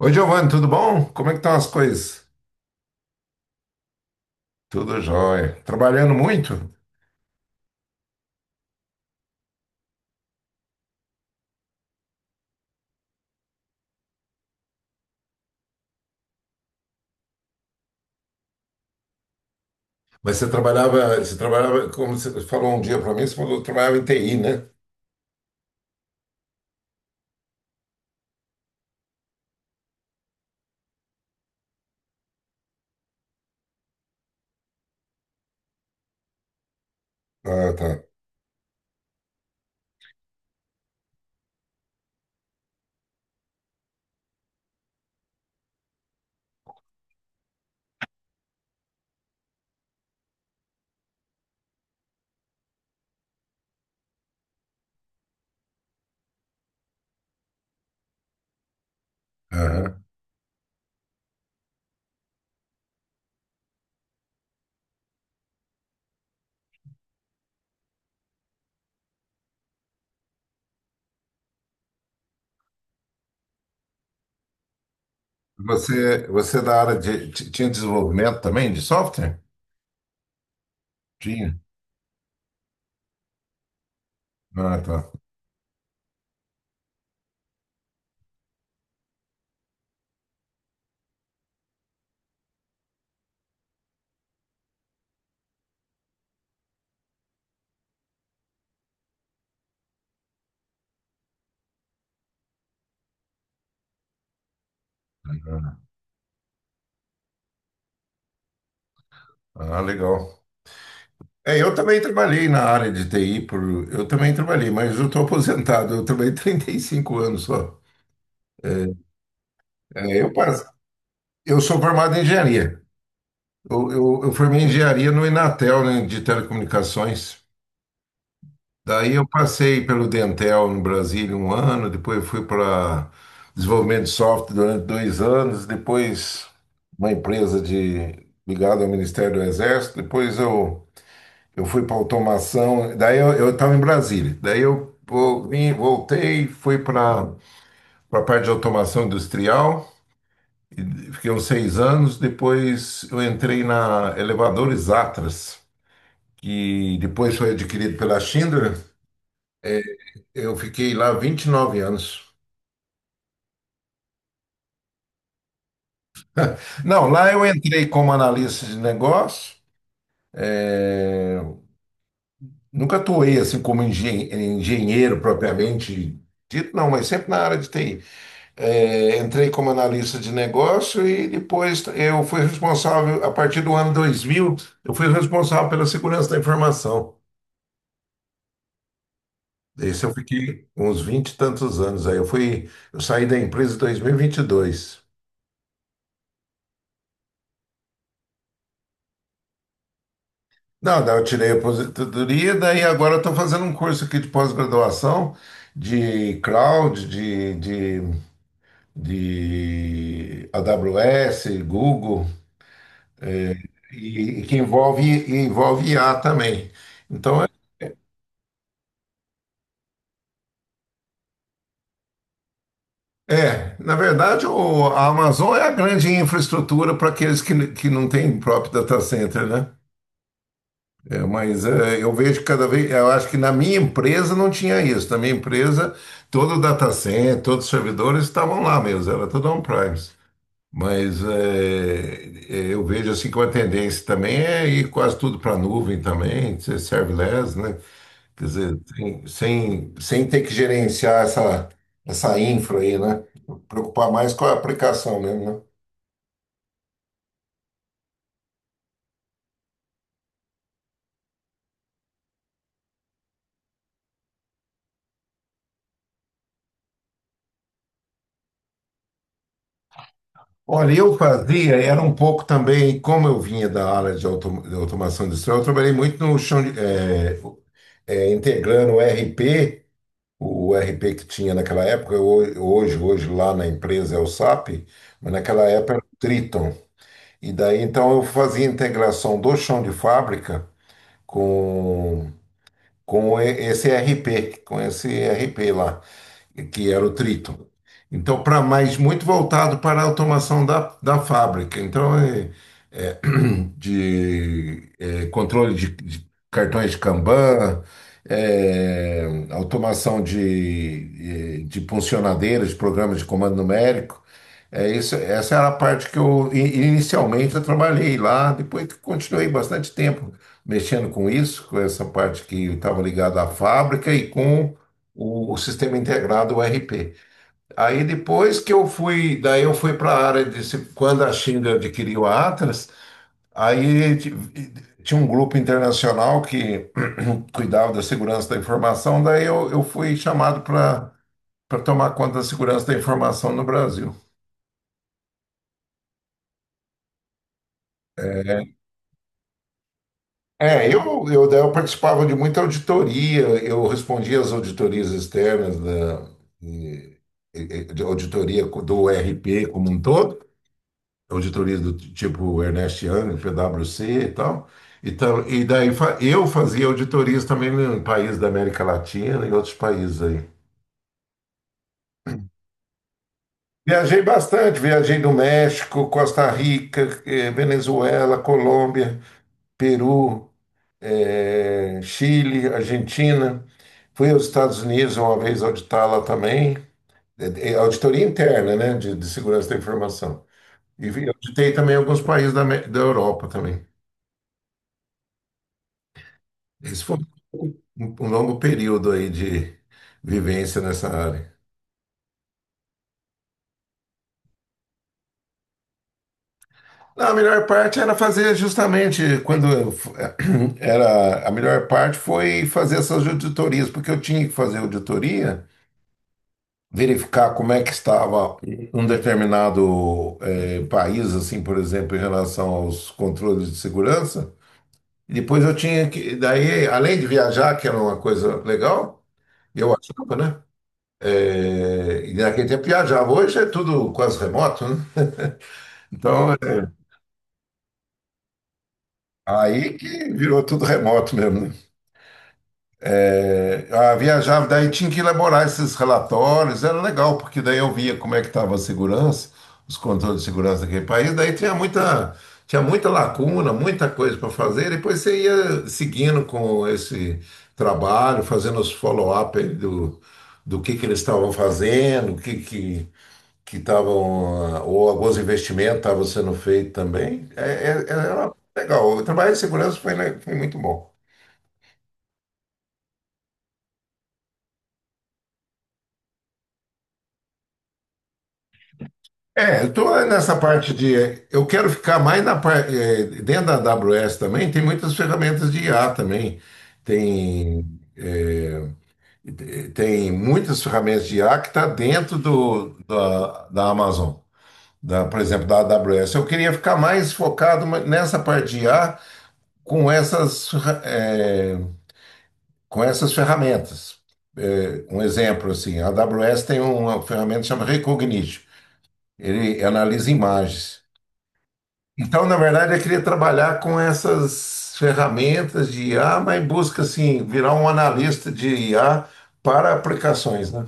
Oi, Giovanni, tudo bom? Como é que estão as coisas? Tudo jóia. Trabalhando muito? Mas você trabalhava, como você falou um dia para mim, você falou que trabalhava em TI, né? Ah, tá. Aham. Você é da área de, tinha desenvolvimento também de software? Tinha. Ah, tá. Ah, legal. É, eu também trabalhei na área de TI, eu também trabalhei, mas eu estou aposentado, eu trabalhei 35 anos só. É, eu eu sou formado em engenharia. Eu formei engenharia no Inatel, né, de telecomunicações. Daí eu passei pelo Dentel no Brasília um ano, depois eu fui para desenvolvimento de software durante 2 anos, depois uma empresa de ligada ao Ministério do Exército, depois eu fui para automação, daí eu estava em Brasília, daí eu vim, voltei, fui para a parte de automação industrial, e fiquei uns 6 anos, depois eu entrei na elevadores Atlas, que depois foi adquirido pela Schindler. Eu fiquei lá 29 anos. Não, lá eu entrei como analista de negócio. É, nunca atuei assim como engenheiro propriamente dito, não, mas sempre na área de TI. É, entrei como analista de negócio e depois eu fui responsável, a partir do ano 2000. Eu fui responsável pela segurança da informação. Esse eu fiquei uns 20 e tantos anos aí. Eu saí da empresa em dois mil e vinte e dois. Não, daí eu tirei a aposentadoria, daí agora eu estou fazendo um curso aqui de pós-graduação de cloud, de AWS, Google, e e envolve I a também. Então, na verdade, a Amazon é a grande infraestrutura para aqueles que não têm próprio data center, né? Eu vejo cada vez, eu acho que na minha empresa não tinha isso. Na minha empresa, todo o data center, todos os servidores estavam lá mesmo, era tudo on-premise. Mas eu vejo assim que uma tendência também é ir quase tudo para a nuvem também, ser serverless, né? Quer dizer, sem ter que gerenciar essa infra aí, né? Preocupar mais com a aplicação mesmo, né? Olha, eu fazia, era um pouco também, como eu vinha da área de, de automação industrial, eu trabalhei muito no chão de, integrando o RP, que tinha naquela época, hoje lá na empresa é o SAP, mas naquela época era o Triton. E daí então eu fazia integração do chão de fábrica com esse RP, lá, que era o Triton. Então, para mais muito voltado para a automação da fábrica. Então, de controle de cartões de Kanban, automação de funcionadeiras, de programas de comando numérico. É isso, essa era a parte que inicialmente eu trabalhei lá, depois que continuei bastante tempo mexendo com isso, com essa parte que estava ligada à fábrica e com o sistema integrado, o ERP. Aí depois daí eu fui para a área de quando a Schindler adquiriu a Atlas. Aí ti- tinha um grupo internacional que cuidava da segurança da informação, daí eu fui chamado para tomar conta da segurança da informação no Brasil. É, daí eu participava de muita auditoria, eu respondia às auditorias externas da e- de auditoria do RP como um todo, auditoria do tipo Ernest Young, PwC e tal. E tal, então, e daí eu fazia auditorias também no país da América Latina e outros países aí. Viajei bastante, viajei no México, Costa Rica, Venezuela, Colômbia, Peru, Chile, Argentina. Fui aos Estados Unidos uma vez auditar lá também, auditoria interna, né, de segurança da informação. E auditei também alguns países da Europa também. Esse foi um, um longo período aí de vivência nessa área. Não, a melhor parte era fazer justamente era a melhor parte, foi fazer essas auditorias, porque eu tinha que fazer auditoria, verificar como é que estava um determinado país, assim, por exemplo, em relação aos controles de segurança. E depois eu tinha que, daí, além de viajar, que era uma coisa legal, eu achava, né? E naquele tempo viajava. Hoje é tudo quase remoto, né? Então, aí que virou tudo remoto mesmo, né? É, ah, viajava, daí tinha que elaborar esses relatórios, era legal, porque daí eu via como é que estava a segurança, os controles de segurança daquele país, daí tinha muita lacuna, muita coisa para fazer, depois você ia seguindo com esse trabalho, fazendo os follow-up aí do que eles estavam fazendo, o que que estavam, ah, ou alguns investimentos estavam sendo feitos também. Era legal, o trabalho de segurança foi, foi muito bom. É, eu tô nessa parte de. Eu quero ficar mais na parte dentro da AWS também, tem muitas ferramentas de IA também. Tem, é, Tem muitas ferramentas de IA que está dentro da Amazon, da, por exemplo, da AWS. Eu queria ficar mais focado nessa parte de IA com com essas ferramentas. Um exemplo, assim, a AWS tem uma ferramenta chamada Recognition. Ele analisa imagens. Então, na verdade, eu queria trabalhar com essas ferramentas de IA, mas em busca, assim, virar um analista de IA para aplicações, né?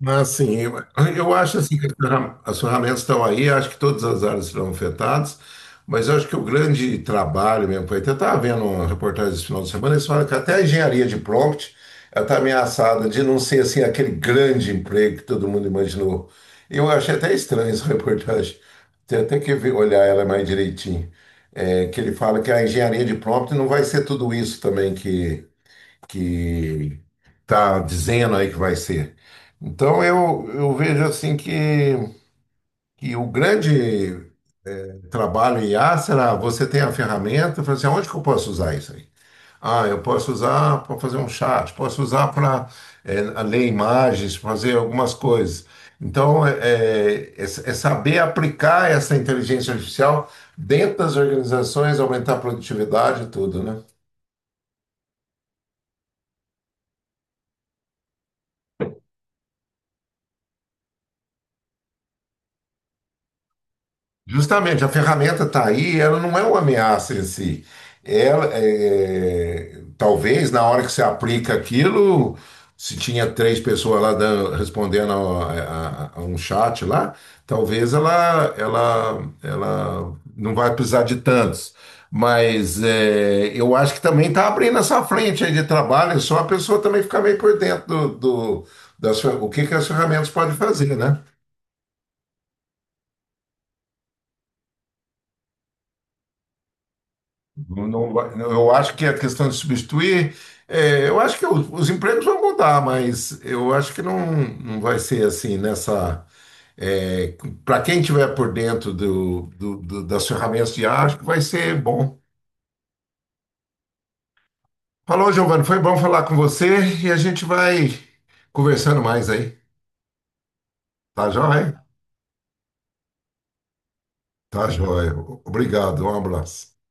Mas assim, eu acho assim que as ferramentas estão aí, acho que todas as áreas serão afetadas, mas eu acho que o grande trabalho mesmo, foi, até estava vendo uma reportagem esse final de semana, eles falam que até a engenharia de prompt ela está ameaçada de não ser assim aquele grande emprego que todo mundo imaginou. Eu achei até estranho essa reportagem. Tem até que olhar ela mais direitinho. É, que ele fala que a engenharia de prompt não vai ser tudo isso também que está dizendo aí que vai ser. Então eu vejo assim que o grande trabalho em IA será, você tem a ferramenta, e fala assim, onde que eu posso usar isso aí? Ah, eu posso usar para fazer um chat, posso usar para ler imagens, fazer algumas coisas. Então é saber aplicar essa inteligência artificial dentro das organizações, aumentar a produtividade e tudo, né? Justamente, a ferramenta está aí, ela não é uma ameaça em si. Ela, é, talvez na hora que você aplica aquilo, se tinha três pessoas lá respondendo a um chat lá, talvez ela não vai precisar de tantos. Mas é, eu acho que também está abrindo essa frente aí de trabalho, é só a pessoa também ficar meio por dentro das, o que que as ferramentas podem fazer, né? Não- não vai- eu acho que a questão de substituir, é, eu acho que os empregos vão mudar, mas eu acho que não, não vai ser assim nessa. Para quem estiver por dentro das ferramentas de ar, acho que vai ser bom. Falou, Giovanni, foi bom falar com você e a gente vai conversando mais aí. Tá joia? Tá joia. Obrigado, um abraço.